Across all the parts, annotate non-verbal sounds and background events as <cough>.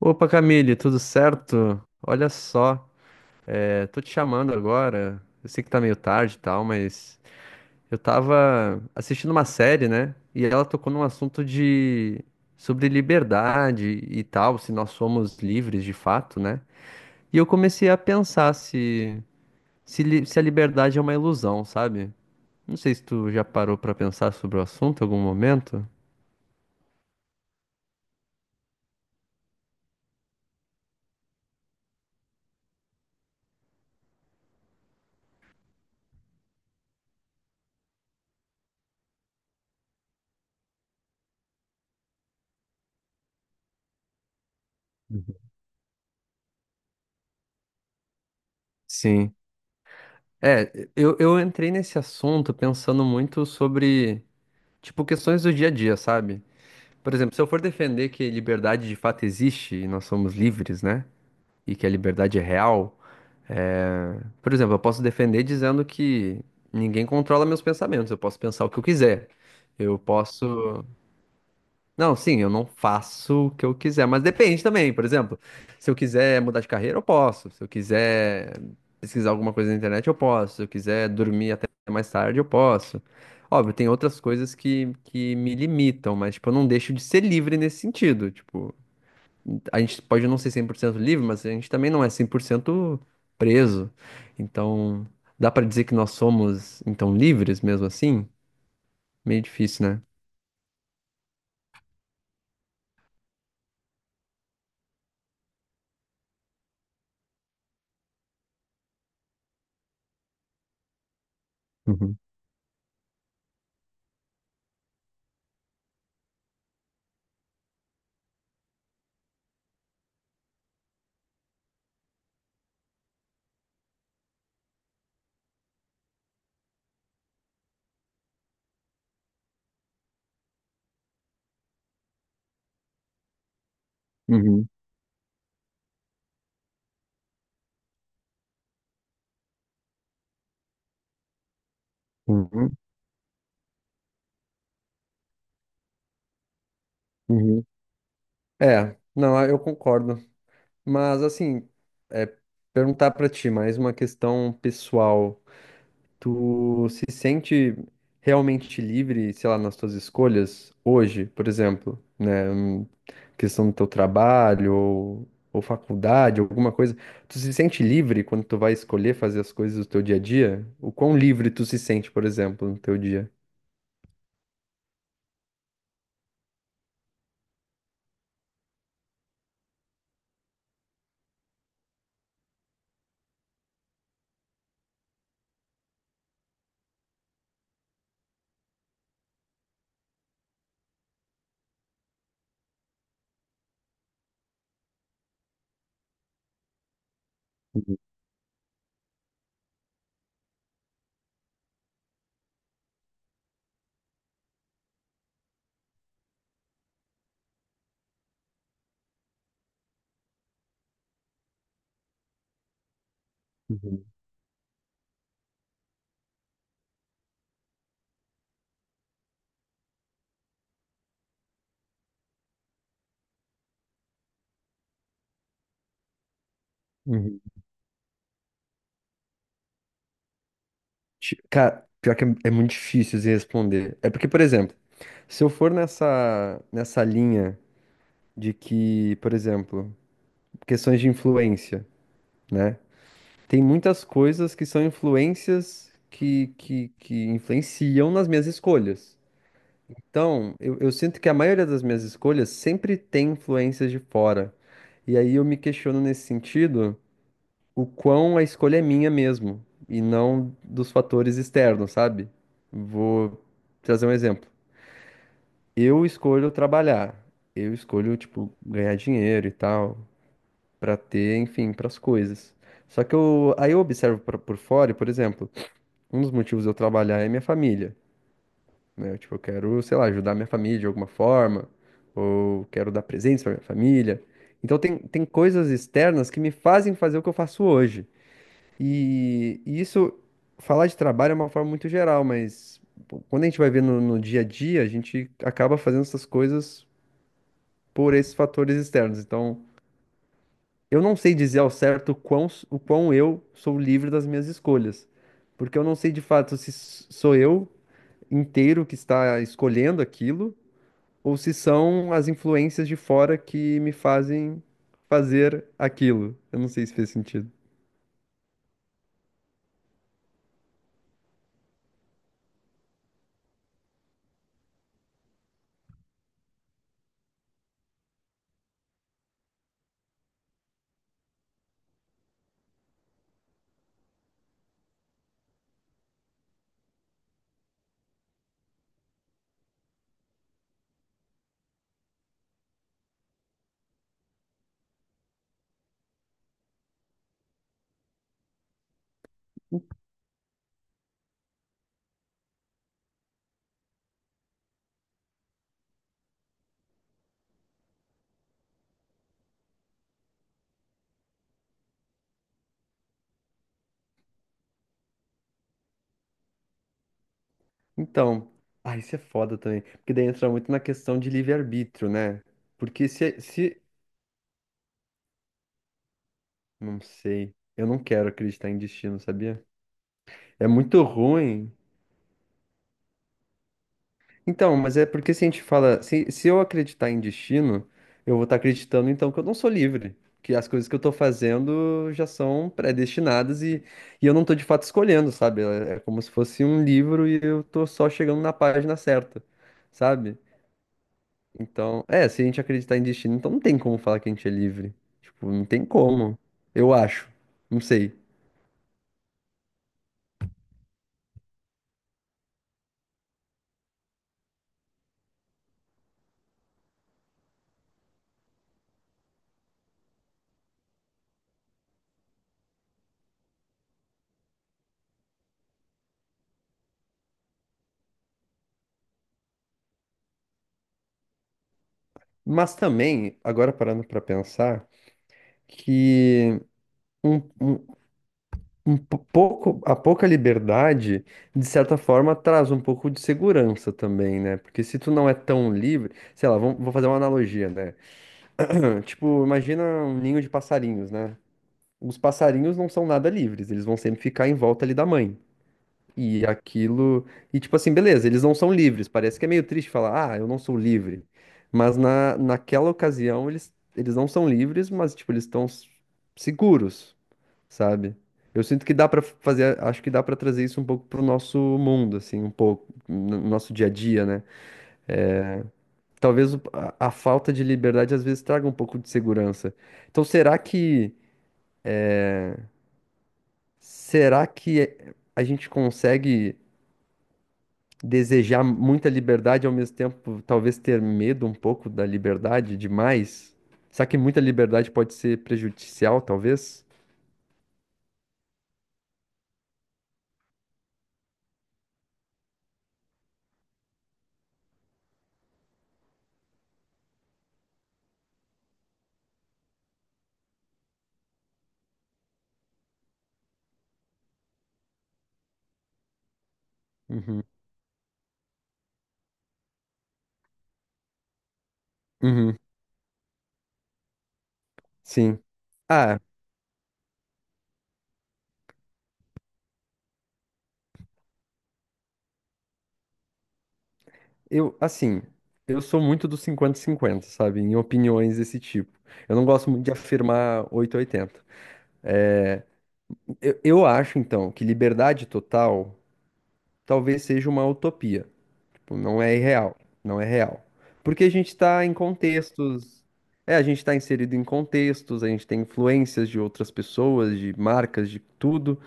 Opa, Camille, tudo certo? Olha só, tô te chamando agora. Eu sei que tá meio tarde e tal, mas eu tava assistindo uma série, né? E ela tocou num assunto de sobre liberdade e tal, se nós somos livres de fato, né? E eu comecei a pensar se a liberdade é uma ilusão, sabe? Não sei se tu já parou pra pensar sobre o assunto em algum momento. Uhum. Sim. Eu entrei nesse assunto pensando muito sobre tipo, questões do dia a dia, sabe? Por exemplo, se eu for defender que liberdade de fato existe e nós somos livres, né? E que a liberdade é real, é... por exemplo, eu posso defender dizendo que ninguém controla meus pensamentos, eu posso pensar o que eu quiser. Eu posso. Não, sim, eu não faço o que eu quiser, mas depende também, por exemplo, se eu quiser mudar de carreira, eu posso. Se eu quiser pesquisar alguma coisa na internet, eu posso. Se eu quiser dormir até mais tarde, eu posso. Óbvio, tem outras coisas que me limitam, mas, tipo, eu não deixo de ser livre nesse sentido. Tipo, a gente pode não ser 100% livre, mas a gente também não é 100% preso. Então, dá pra dizer que nós somos, então, livres mesmo assim? Meio difícil, né? Uhum, uhum, uhum, uhum. Não, ah, eu concordo. Mas assim, é, perguntar pra ti mais uma questão pessoal. Tu se sente realmente livre, sei lá, nas tuas escolhas hoje, por exemplo, né? Questão do teu trabalho ou faculdade, alguma coisa. Tu se sente livre quando tu vai escolher fazer as coisas do teu dia a dia? O quão livre tu se sente, por exemplo, no teu dia? Uhum, uhum, uhum. Cara, pior que é muito difícil de responder. É porque, por exemplo, se eu for nessa linha de que, por exemplo, questões de influência, né? Tem muitas coisas que são influências que influenciam nas minhas escolhas. Então, eu sinto que a maioria das minhas escolhas sempre tem influências de fora. E aí eu me questiono nesse sentido, o quão a escolha é minha mesmo e não dos fatores externos, sabe? Vou trazer um exemplo. Eu escolho trabalhar, eu escolho, tipo, ganhar dinheiro e tal, pra ter, enfim, pras coisas. Só que eu, aí eu observo por fora, e, por exemplo, um dos motivos de eu trabalhar é minha família, né? Tipo, eu quero, sei lá, ajudar minha família de alguma forma, ou quero dar presentes pra minha família. Então tem coisas externas que me fazem fazer o que eu faço hoje. E isso, falar de trabalho é uma forma muito geral, mas pô, quando a gente vai ver no dia a dia, a gente acaba fazendo essas coisas por esses fatores externos. Então, eu não sei dizer ao certo o quão eu sou livre das minhas escolhas, porque eu não sei de fato se sou eu inteiro que está escolhendo aquilo, ou se são as influências de fora que me fazem fazer aquilo. Eu não sei se fez sentido. Então, ah, isso é foda também. Porque daí entra muito na questão de livre-arbítrio, né? Porque se, se. Não sei. Eu não quero acreditar em destino, sabia? É muito ruim. Então, mas é porque se a gente fala. Se eu acreditar em destino, eu vou estar acreditando então que eu não sou livre. Que as coisas que eu tô fazendo já são predestinadas e eu não tô de fato escolhendo, sabe? É é como se fosse um livro e eu tô só chegando na página certa, sabe? Então, é, se a gente acreditar em destino, então não tem como falar que a gente é livre. Tipo, não tem como. Eu acho. Não sei. Mas também, agora parando pra pensar, que um, um, a pouca liberdade, de certa forma, traz um pouco de segurança também, né? Porque se tu não é tão livre, sei lá, vamos, vou fazer uma analogia, né? <clears throat> Tipo, imagina um ninho de passarinhos, né? Os passarinhos não são nada livres, eles vão sempre ficar em volta ali da mãe. E aquilo. E tipo assim, beleza, eles não são livres. Parece que é meio triste falar, ah, eu não sou livre. Mas naquela ocasião, eles não são livres, mas tipo, eles estão seguros, sabe? Eu sinto que dá pra fazer, acho que dá pra trazer isso um pouco pro nosso mundo, assim, um pouco, no nosso dia a dia, né? Talvez a falta de liberdade às vezes traga um pouco de segurança. Então, será que a gente consegue desejar muita liberdade ao mesmo tempo, talvez ter medo um pouco da liberdade demais. Será que muita liberdade pode ser prejudicial, talvez? Uhum. Uhum. Sim. Ah, assim, eu sou muito do 50 cinquenta, sabe? Em opiniões desse tipo. Eu não gosto muito de afirmar 880. Eu acho, então, que liberdade total talvez seja uma utopia. Tipo, não é irreal, não é real. Porque a gente está em contextos, é, a gente está inserido em contextos, a gente tem influências de outras pessoas, de marcas, de tudo.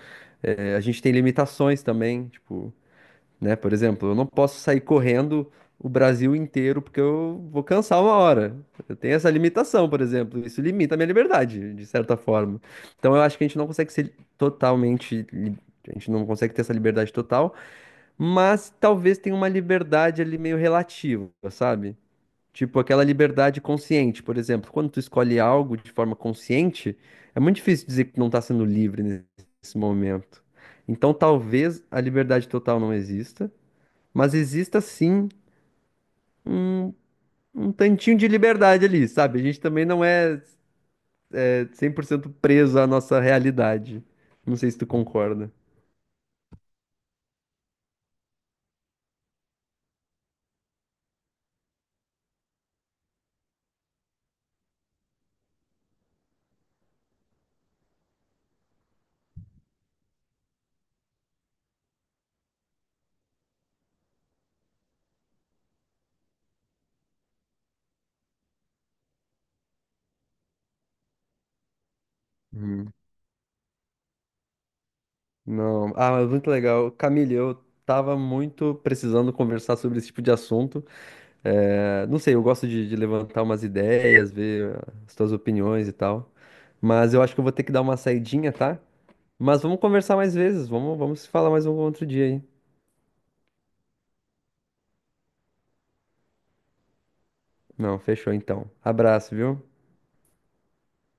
É, a gente tem limitações também, tipo, né? Por exemplo, eu não posso sair correndo o Brasil inteiro porque eu vou cansar uma hora. Eu tenho essa limitação, por exemplo. Isso limita a minha liberdade, de certa forma. Então eu acho que a gente não consegue ser totalmente, a gente não consegue ter essa liberdade total, mas talvez tenha uma liberdade ali meio relativa, sabe? Tipo aquela liberdade consciente, por exemplo, quando tu escolhe algo de forma consciente, é muito difícil dizer que tu não tá sendo livre nesse momento. Então, talvez a liberdade total não exista, mas exista sim um, um tantinho de liberdade ali, sabe? A gente também não é, é 100% preso à nossa realidade. Não sei se tu concorda. Não, ah, mas muito legal. Camille, eu tava muito precisando conversar sobre esse tipo de assunto. É, não sei, eu gosto de levantar umas ideias, ver as tuas opiniões e tal. Mas eu acho que eu vou ter que dar uma saidinha, tá? Mas vamos conversar mais vezes, vamos se falar mais um outro dia aí. Não, fechou então. Abraço, viu?